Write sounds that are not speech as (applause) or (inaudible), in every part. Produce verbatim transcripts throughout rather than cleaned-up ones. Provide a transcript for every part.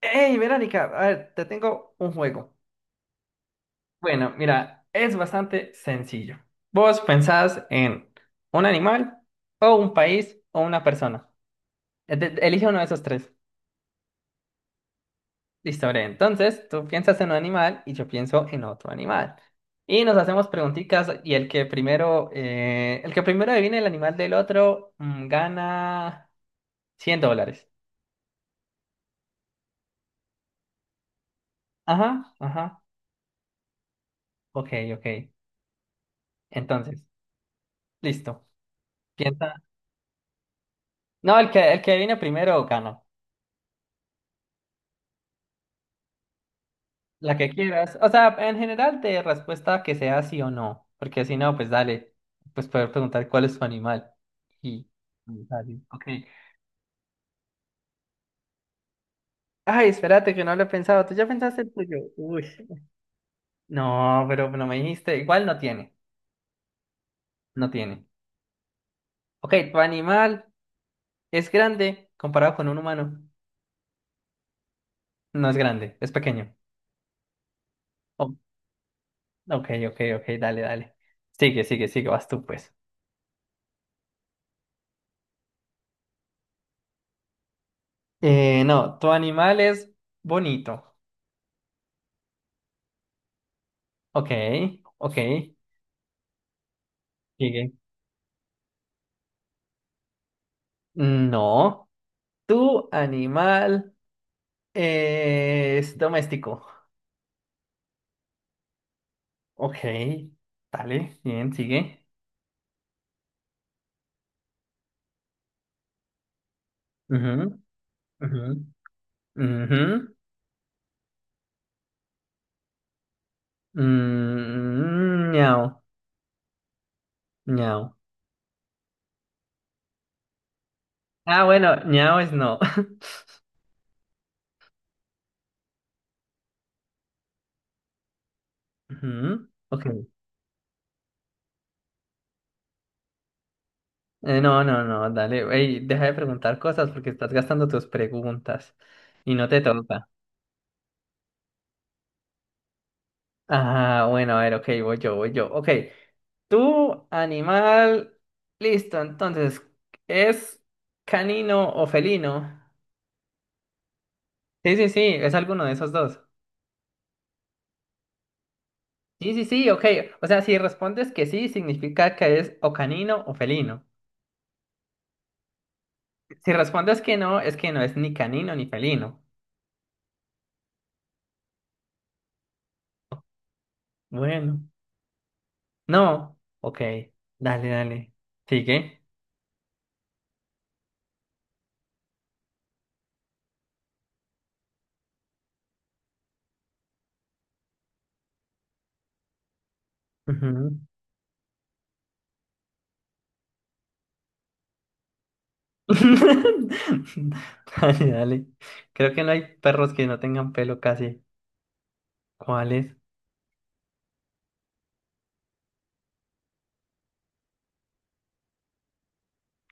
Hey, Verónica, a ver, te tengo un juego. Bueno, mira, es bastante sencillo. Vos pensás en un animal o un país o una persona. E- de- Elige uno de esos tres. Listo, bre. Entonces, tú piensas en un animal y yo pienso en otro animal. Y nos hacemos preguntitas y el que primero, eh, el que primero adivine el animal del otro mm, gana cien dólares. Ajá, ajá. Ok, ok. Entonces, listo. Piensa. No, el que, el que adivine primero gana. La que quieras. O sea, en general de respuesta que sea sí o no. Porque si no, pues dale. Pues poder preguntar cuál es tu animal. Y dale. Ok. Ay, espérate que no lo he pensado. ¿Tú ya pensaste el tuyo? Uy. No, pero no me dijiste. Igual no tiene. No tiene. Ok, tu animal es grande comparado con un humano. No es grande, es pequeño. Oh, ok, ok, ok, dale, dale. Sigue, sigue, sigue, vas tú pues. Eh, no, tu animal es bonito. Ok, ok. Sigue. No, tu animal es doméstico. Ok, dale, bien, sigue. Ujú, ujú, ujú. Mm, ñau, ñau. Ah, bueno, ñau es no. (laughs) Ujú, ok. Eh, no, no, no, dale. Ey, deja de preguntar cosas porque estás gastando tus preguntas y no te toca. Ah, bueno, a ver, ok, voy yo, voy yo. Ok. Tu animal. Listo, entonces, ¿es canino o felino? Sí, sí, sí, es alguno de esos dos. Sí, sí, sí, ok. O sea, si respondes que sí, significa que es o canino o felino. Si respondes que no, es que no es ni canino ni felino. Bueno. No. Ok. Dale, dale. Sigue. Ujú. (laughs) Dale, dale. Creo que no hay perros que no tengan pelo casi. ¿Cuáles es?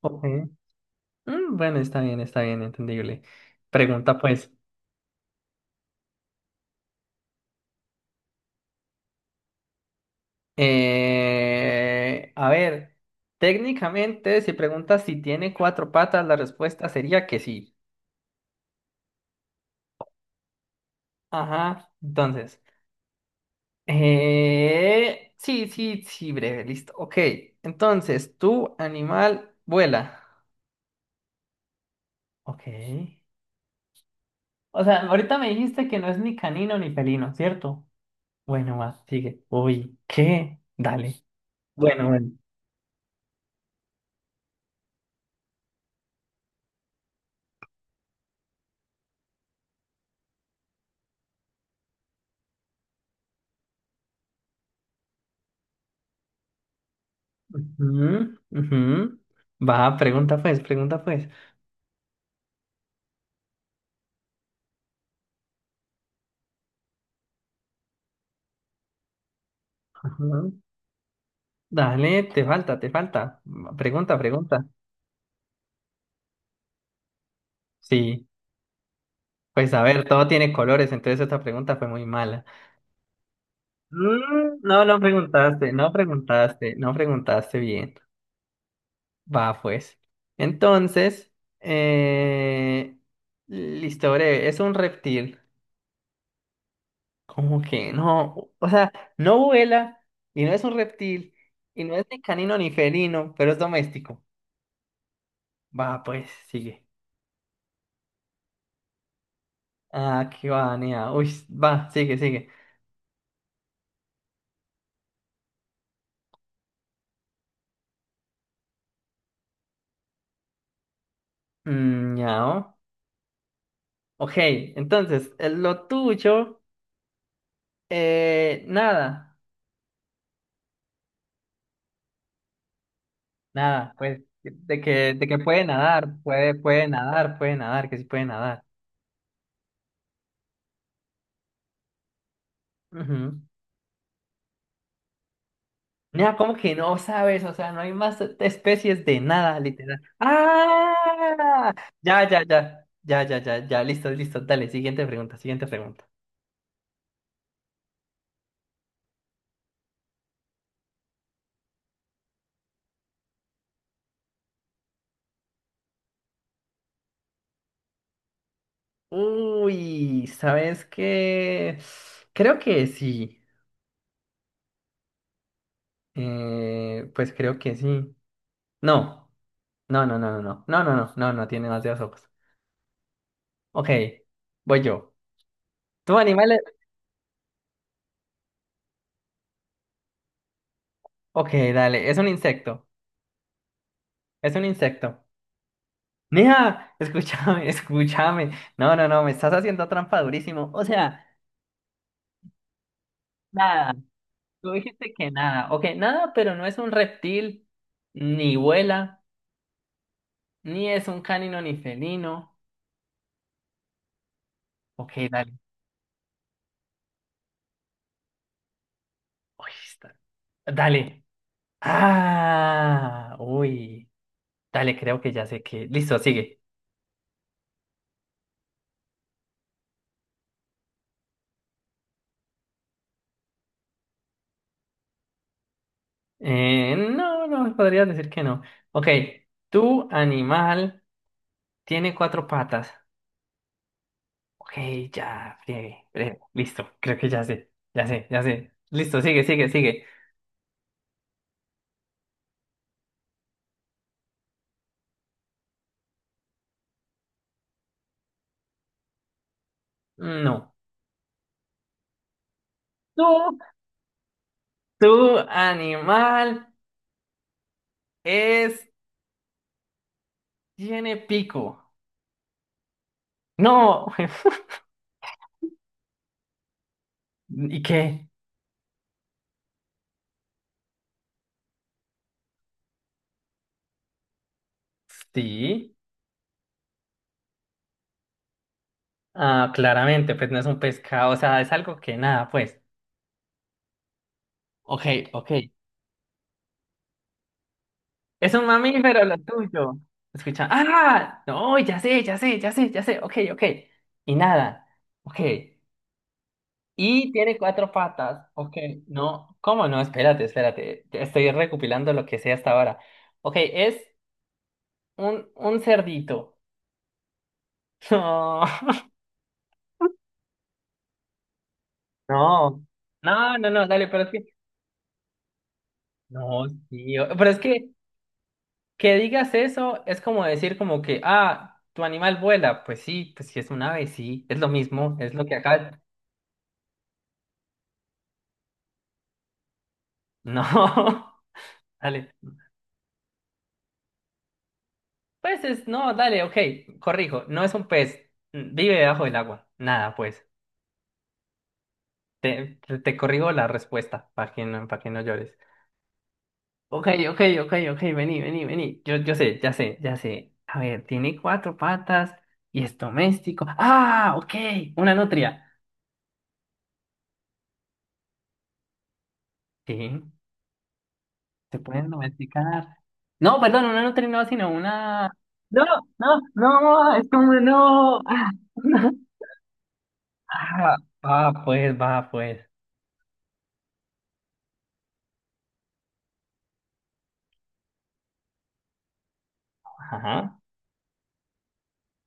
Ok. Mm, bueno, está bien, está bien, entendible. Pregunta pues. Eh, a ver, técnicamente, si preguntas si tiene cuatro patas, la respuesta sería que sí. Ajá, entonces. eh, sí, sí, sí, breve, listo. Ok, entonces, tu animal vuela. Ok. O sea, ahorita me dijiste que no es ni canino ni felino, ¿cierto? Bueno, va, sigue. Uy, ¿qué? Dale. Bueno, bueno. Ujú, ujú. Va, pregunta pues, pregunta pues. Ujú. Dale, te falta, te falta. Va, pregunta, pregunta. Sí, pues a ver, todo tiene colores, entonces esta pregunta fue muy mala. Mm, no, no preguntaste, no preguntaste, no preguntaste bien. Va, pues. Entonces, eh... listo, breve, es un reptil. Como que no, o sea, no vuela y no es un reptil y no es ni canino ni felino, pero es doméstico. Va, pues, sigue. Aquí va, Nea. Uy, va, sigue, sigue. Mm, ñao. Ok, entonces, eh, lo tuyo, eh, nada, nada, pues, de que, de que puede nadar, puede, puede nadar, puede nadar, que sí puede nadar. Ujú. Nea, ¿cómo que no sabes? O sea, no hay más especies de nada, literal. ¡Ah! Ya, ya, ya, ya, ya, ya, ya, listo, listo, dale, siguiente pregunta, siguiente pregunta. Uy, ¿sabes qué? Creo que sí. Eh, pues creo que sí. No, no, no, no, no, no, no, no, no, no, no tiene demasiados ojos. Ok, voy yo. ¿Tu animal es- Ok, dale, es un insecto. Es un insecto. Mija, escúchame, (laughs) escúchame. No, no, no, me estás haciendo trampa durísimo. O sea, nada. Tú dijiste que nada. Ok, nada, pero no es un reptil, ni vuela, ni es un canino ni felino. Ok, dale. Uy, está- Dale. Ah, uy. Dale, creo que ya sé que. Listo, sigue. Eh, no, no, podrías decir que no. Ok, tu animal tiene cuatro patas. Ok, ya, friegue, friegue. Listo, creo que ya sé, ya sé, ya sé. Listo, sigue, sigue, sigue. No. Tu, tu animal es, tiene pico. No. (laughs) ¿Y qué? Sí. Ah, claramente, pues no es un pescado, o sea, es algo que nada, pues. Ok, ok. Es un mamífero lo tuyo. Escucha, ah, no, ya sé, ya sé, ya sé, ya sé, ok, ok. Y nada, ok. Y tiene cuatro patas, ok. No, ¿cómo no? Espérate, espérate. Ya estoy recopilando lo que sé hasta ahora. Ok, es un, un cerdito. (laughs) No, no, no, no, no, dale, pero es que. No, tío, pero es que Que digas eso es como decir como que, ah, tu animal vuela. Pues sí, pues si es un ave, sí, es lo mismo, es lo que acá. No, (laughs) dale. Pues es, no, dale, ok, corrijo, no es un pez, mm, vive debajo del agua. Nada, pues, te, te, te corrijo la respuesta para que no, para que no llores. Ok, ok, ok, ok, vení, vení, vení. Yo, yo sé, ya sé, ya sé. A ver, tiene cuatro patas y es doméstico. Ah, ok, una nutria. Sí. Se pueden domesticar. No, perdón, una no terminó, sino una. No, no, no, es como no. (laughs) Ah, no. Ah, va, pues, va, pues. Ajá,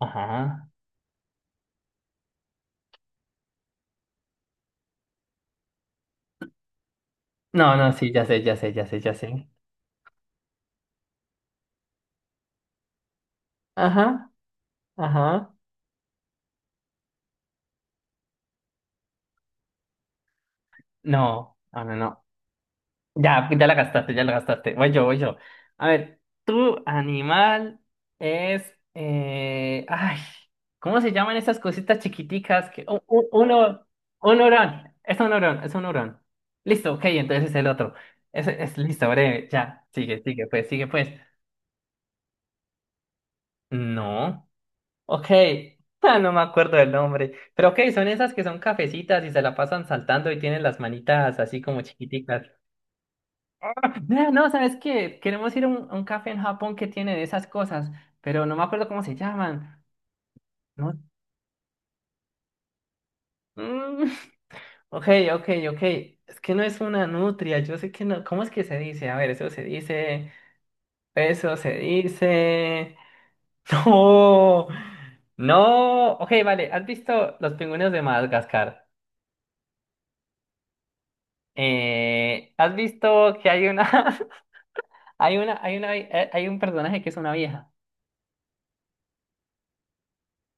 ajá. No, no, sí, ya sé, ya sé, ya sé, ya sé. Ajá, ajá. No, no, no, no. Ya, ya la gastaste, ya la gastaste. Voy yo, voy yo. A ver, tu animal es... eh, ay, ¿cómo se llaman esas cositas chiquiticas que... Un, un, uno- un hurón. Es un hurón, es un hurón. Listo, ok, entonces es el otro. Es, es listo, breve. Ya, sigue, sigue, pues, sigue, pues. No. Ok. (laughs) Ah, no me acuerdo del nombre. Pero ok, son esas que son cafecitas y se la pasan saltando y tienen las manitas así como chiquiticas. Ah, no, ¿sabes qué? Queremos ir a un, a un café en Japón que tiene de esas cosas, pero no me acuerdo cómo se llaman. No. Mm, (laughs) ok, ok, ok. Es que no es una nutria, yo sé que no. ¿Cómo es que se dice? A ver, eso se dice. Eso se dice. (laughs) No. No. Ok, vale. ¿Has visto los pingüinos de Madagascar? Eh, ¿has visto que hay una, (laughs) hay una, hay una, eh, hay un personaje que es una vieja?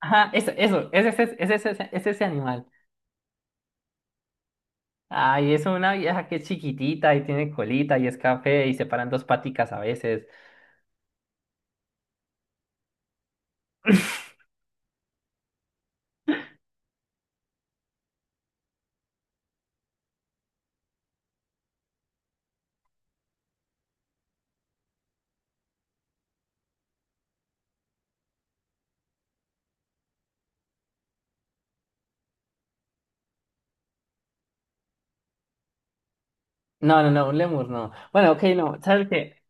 Ajá, eso, eso, es ese, es, ese, es, ese, es ese animal. Ay, es una vieja que es chiquitita y tiene colita y es café y se paran dos paticas a veces. (laughs) No, no, no, un lemur no. Bueno, ok, no, ¿sabes qué?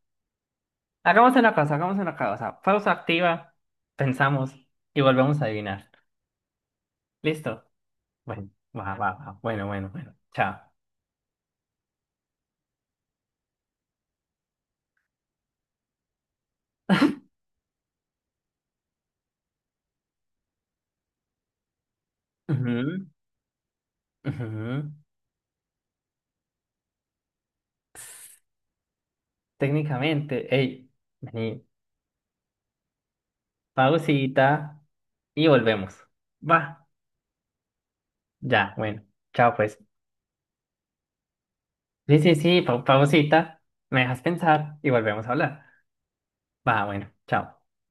Hagamos una cosa, hagamos una cosa. Pausa activa, pensamos y volvemos a adivinar. ¿Listo? Bueno, va, va, va. Bueno, bueno, bueno. Chao. Ujú, ujú. Técnicamente, hey, vení, pausita y volvemos. Va, ya, bueno, chao pues. Sí, sí, sí, pau- pausita, me dejas pensar y volvemos a hablar. Va, bueno, chao.